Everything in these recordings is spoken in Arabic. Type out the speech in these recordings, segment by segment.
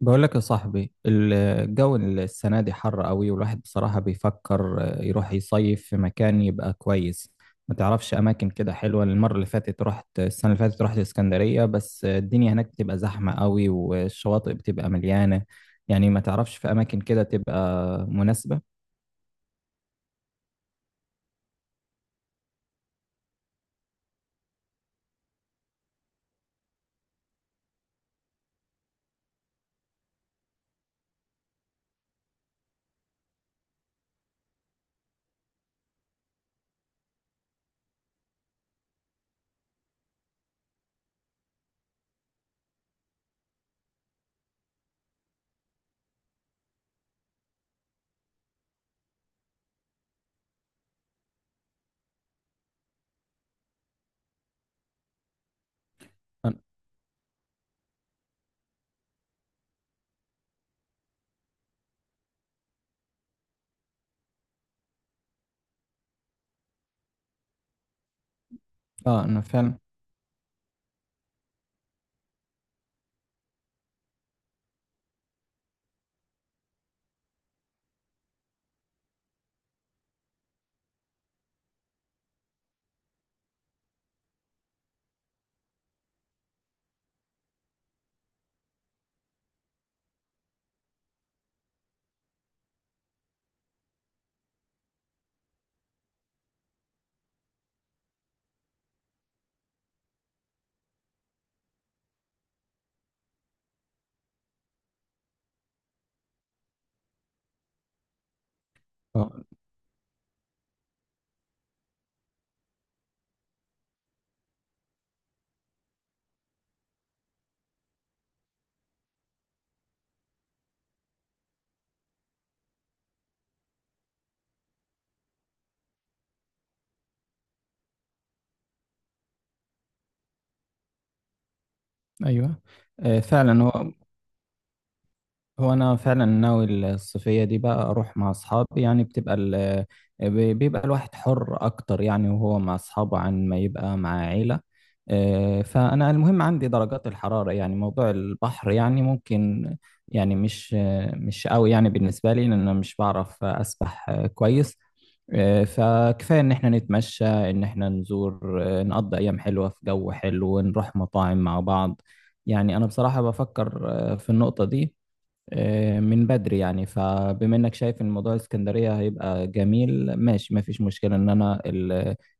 بقول لك يا صاحبي، الجو السنة دي حر قوي، والواحد بصراحة بيفكر يروح يصيف في مكان يبقى كويس. ما تعرفش أماكن كده حلوة؟ المرة اللي فاتت رحت السنة اللي فاتت رحت اسكندرية، بس الدنيا هناك بتبقى زحمة قوي والشواطئ بتبقى مليانة. يعني ما تعرفش في أماكن كده تبقى مناسبة؟ أنا- اه، أنا فعلا. اه، أيوه. آه، فعلا. هو انا فعلا ناوي الصيفيه دي، بقى اروح مع اصحابي يعني. بيبقى الواحد حر اكتر يعني وهو مع اصحابه عن ما يبقى مع عيله. فانا المهم عندي درجات الحراره، يعني موضوع البحر يعني ممكن، يعني مش قوي يعني بالنسبه لي، لان انا مش بعرف اسبح كويس. فكفايه ان احنا نتمشى، ان احنا نزور، نقضي ايام حلوه في جو حلو ونروح مطاعم مع بعض. يعني انا بصراحه بفكر في النقطه دي من بدري يعني. فبما انك شايف ان موضوع الاسكندريه هيبقى جميل، ماشي، ما فيش مشكله ان انا ال-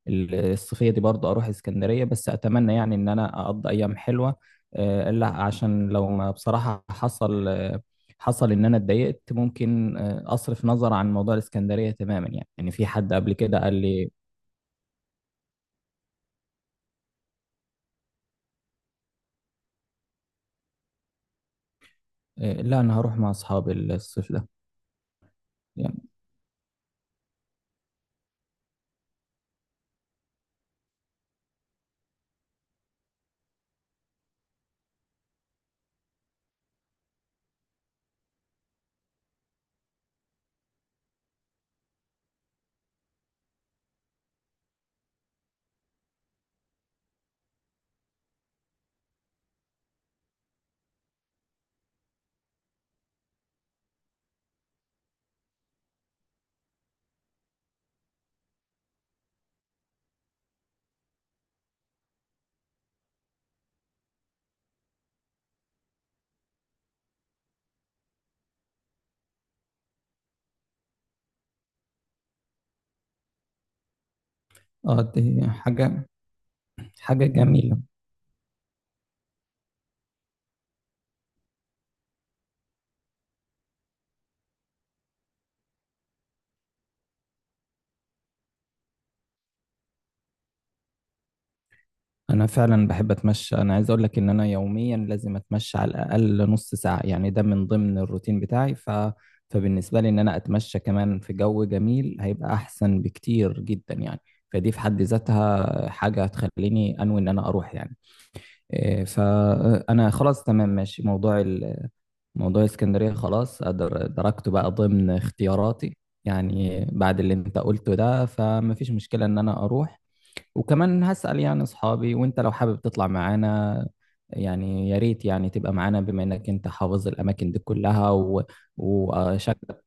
ال- الصيفيه دي برضه اروح اسكندريه، بس اتمنى يعني ان انا اقضي ايام حلوه. الا عشان لو ما بصراحه حصل، حصل ان انا اتضايقت، ممكن اصرف نظر عن موضوع الاسكندريه تماما يعني. يعني في حد قبل كده قال لي. لا، انا هروح مع اصحابي الصيف ده يعني. اه، دي حاجه، حاجه جميله. انا فعلا بحب اتمشى، انا عايز اقول لك ان انا يوميا لازم اتمشى على الاقل نص ساعة يعني، ده من ضمن الروتين بتاعي. فبالنسبة لي ان انا اتمشى كمان في جو جميل، هيبقى احسن بكتير جدا يعني. فدي في حد ذاتها حاجة هتخليني انوي ان انا اروح يعني. إيه، فانا خلاص، تمام، ماشي، موضوع اسكندرية خلاص، دركته بقى ضمن اختياراتي. يعني بعد اللي انت قلته ده، فمفيش مشكلة ان انا اروح. وكمان هسأل يعني أصحابي، وأنت لو حابب تطلع معانا، يعني يا ريت يعني تبقى معانا، بما إنك أنت حافظ الأماكن دي كلها وشكلك.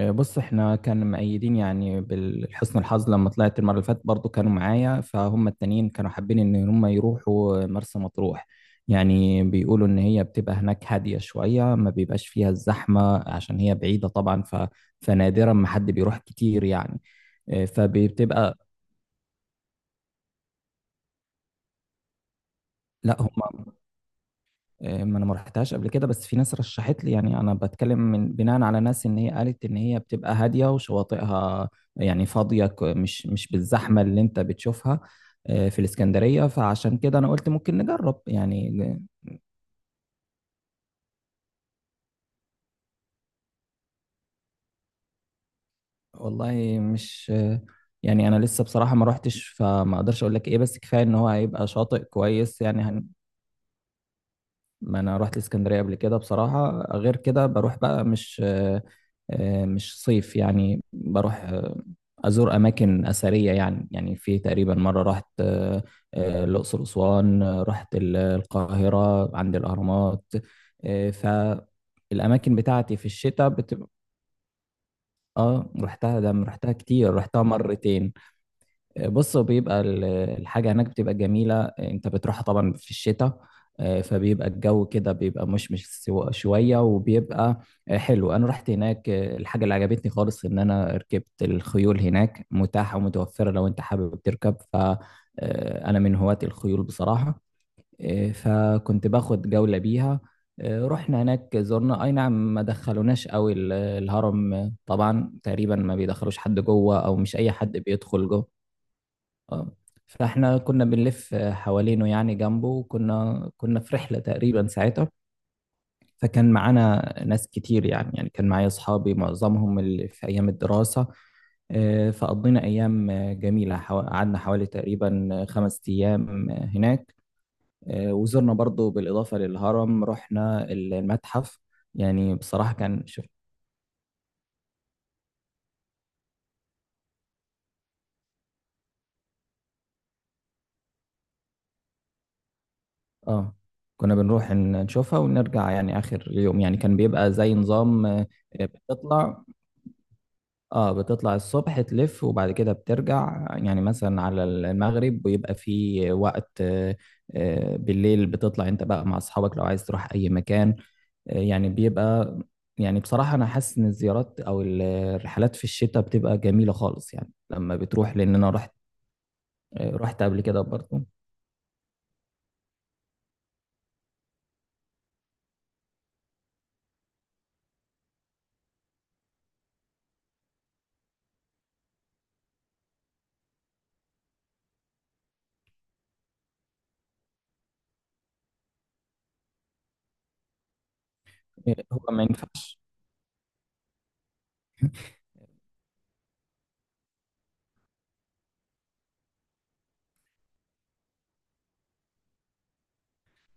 بص، إحنا كانوا مؤيدين يعني بالحسن الحظ، لما طلعت المرة اللي فاتت برضو كانوا معايا. فهم التانيين كانوا حابين إن هم يروحوا مرسى مطروح، يعني بيقولوا إن هي بتبقى هناك هادية شوية، ما بيبقاش فيها الزحمة عشان هي بعيدة طبعا. فنادرا ما حد بيروح كتير يعني. فبتبقى. لا، هم. ما انا ما رحتهاش قبل كده، بس في ناس رشحت لي يعني، انا بتكلم من بناء على ناس ان هي قالت ان هي بتبقى هاديه وشواطئها يعني فاضيه، مش بالزحمه اللي انت بتشوفها في الاسكندريه. فعشان كده انا قلت ممكن نجرب يعني. والله مش، يعني انا لسه بصراحه ما رحتش، فما اقدرش اقول لك ايه، بس كفايه ان هو هيبقى شاطئ كويس يعني. ما انا رحت الاسكندريه قبل كده بصراحه. غير كده بروح بقى، مش مش صيف يعني، بروح ازور اماكن اثريه يعني. يعني في تقريبا مره رحت الاقصر واسوان. رحت القاهره عند الاهرامات. فالاماكن بتاعتي في الشتاء بتبقى. اه رحتها، ده رحتها كتير، رحتها مرتين. بص هو بيبقى الحاجة هناك بتبقى جميلة، انت بتروحها طبعا في الشتاء. فبيبقى الجو كده بيبقى مشمش شوية، وبيبقى حلو. انا رحت هناك، الحاجة اللي عجبتني خالص ان انا ركبت الخيول، هناك متاحة ومتوفرة لو انت حابب تركب، فانا من هواة الخيول بصراحة. فكنت باخد جولة بيها. رحنا هناك، زرنا، اي نعم، ما دخلوناش قوي الهرم. طبعا تقريبا ما بيدخلوش حد جوه، او مش اي حد بيدخل جوه. اه، فاحنا كنا بنلف حوالينه يعني جنبه، وكنا في رحلة تقريبا ساعتها. فكان معانا ناس كتير يعني، يعني كان معايا اصحابي معظمهم اللي في ايام الدراسة. فقضينا ايام جميلة، قعدنا حوالي تقريبا 5 ايام هناك. وزرنا برضو بالاضافة للهرم رحنا المتحف. يعني بصراحة كان شوف، اه كنا بنروح نشوفها ونرجع، يعني اخر اليوم يعني كان بيبقى زي نظام بتطلع. اه بتطلع الصبح، تلف، وبعد كده بترجع يعني مثلا على المغرب، ويبقى في وقت بالليل بتطلع انت بقى مع اصحابك لو عايز تروح اي مكان. يعني بيبقى. يعني بصراحة انا حاسس ان الزيارات او الرحلات في الشتاء بتبقى جميلة خالص يعني، لما بتروح، لان انا رحت، رحت قبل كده برضه. هو ما ينفعش.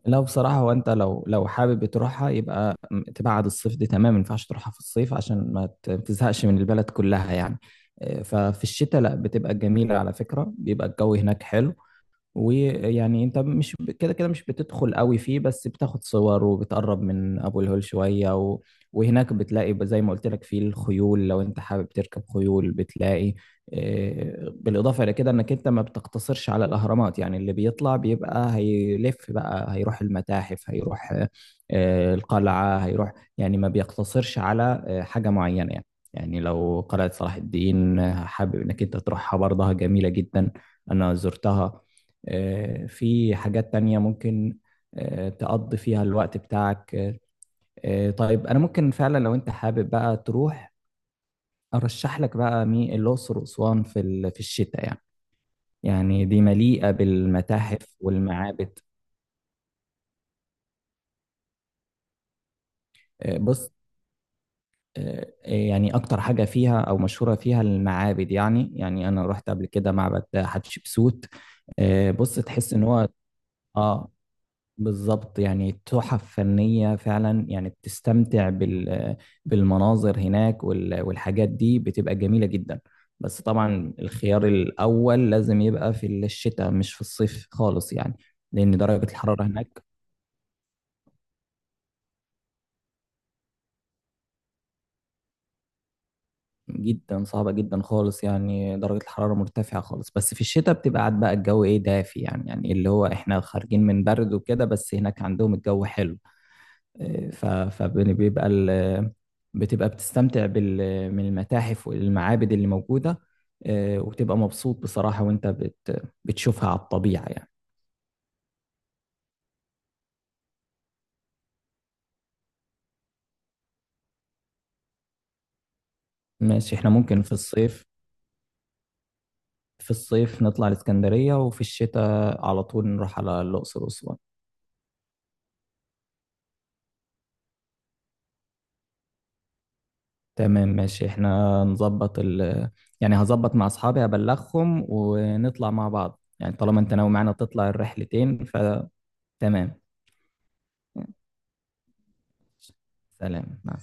لا بصراحة، هو أنت لو حابب تروحها، يبقى تبعد الصيف دي، تمام، ما ينفعش تروحها في الصيف عشان ما تزهقش من البلد كلها يعني. ففي الشتاء لا، بتبقى جميلة على فكرة، بيبقى الجو هناك حلو. ويعني انت مش كده كده مش بتدخل قوي فيه، بس بتاخد صور وبتقرب من ابو الهول شوية وهناك بتلاقي زي ما قلت لك فيه الخيول، لو انت حابب تركب خيول بتلاقي. بالاضافة الى كده، انك انت ما بتقتصرش على الاهرامات يعني، اللي بيطلع بيبقى هيلف بقى، هيروح المتاحف، هيروح القلعة، هيروح، يعني ما بيقتصرش على حاجة معينة يعني. يعني لو قلعة صلاح الدين حابب انك انت تروحها، برضها جميلة جدا، انا زرتها. في حاجات تانية ممكن تقضي فيها الوقت بتاعك. طيب، أنا ممكن فعلا لو أنت حابب بقى تروح، أرشح لك بقى مي الأقصر وأسوان في في الشتاء يعني، يعني دي مليئة بالمتاحف والمعابد. بص، يعني أكتر حاجة فيها أو مشهورة فيها المعابد، يعني يعني أنا رحت قبل كده معبد حتشبسوت. بص، تحس إن هو، اه بالظبط، يعني تحف فنية فعلا، يعني بتستمتع بال، بالمناظر هناك والحاجات دي بتبقى جميلة جدا. بس طبعا الخيار الأول لازم يبقى في الشتاء، مش في الصيف خالص يعني، لأن درجة الحرارة هناك جدا صعبة جدا خالص يعني. درجة الحرارة مرتفعة خالص، بس في الشتاء بتبقى قاعد بقى، الجو إيه دافي يعني، يعني اللي هو إحنا خارجين من برد وكده، بس هناك عندهم الجو حلو. ف- فبيبقى ال- بتبقى بتستمتع بال، من المتاحف والمعابد اللي موجودة. وبتبقى مبسوط بصراحة وانت بتشوفها على الطبيعة يعني. ماشي، احنا ممكن في الصيف، نطلع الإسكندرية، وفي الشتاء على طول نروح على الأقصر وأسوان. تمام، ماشي، احنا نظبط ال، يعني هظبط مع أصحابي أبلغهم ونطلع مع بعض يعني، طالما انت ناوي معانا تطلع الرحلتين فتمام. سلام مع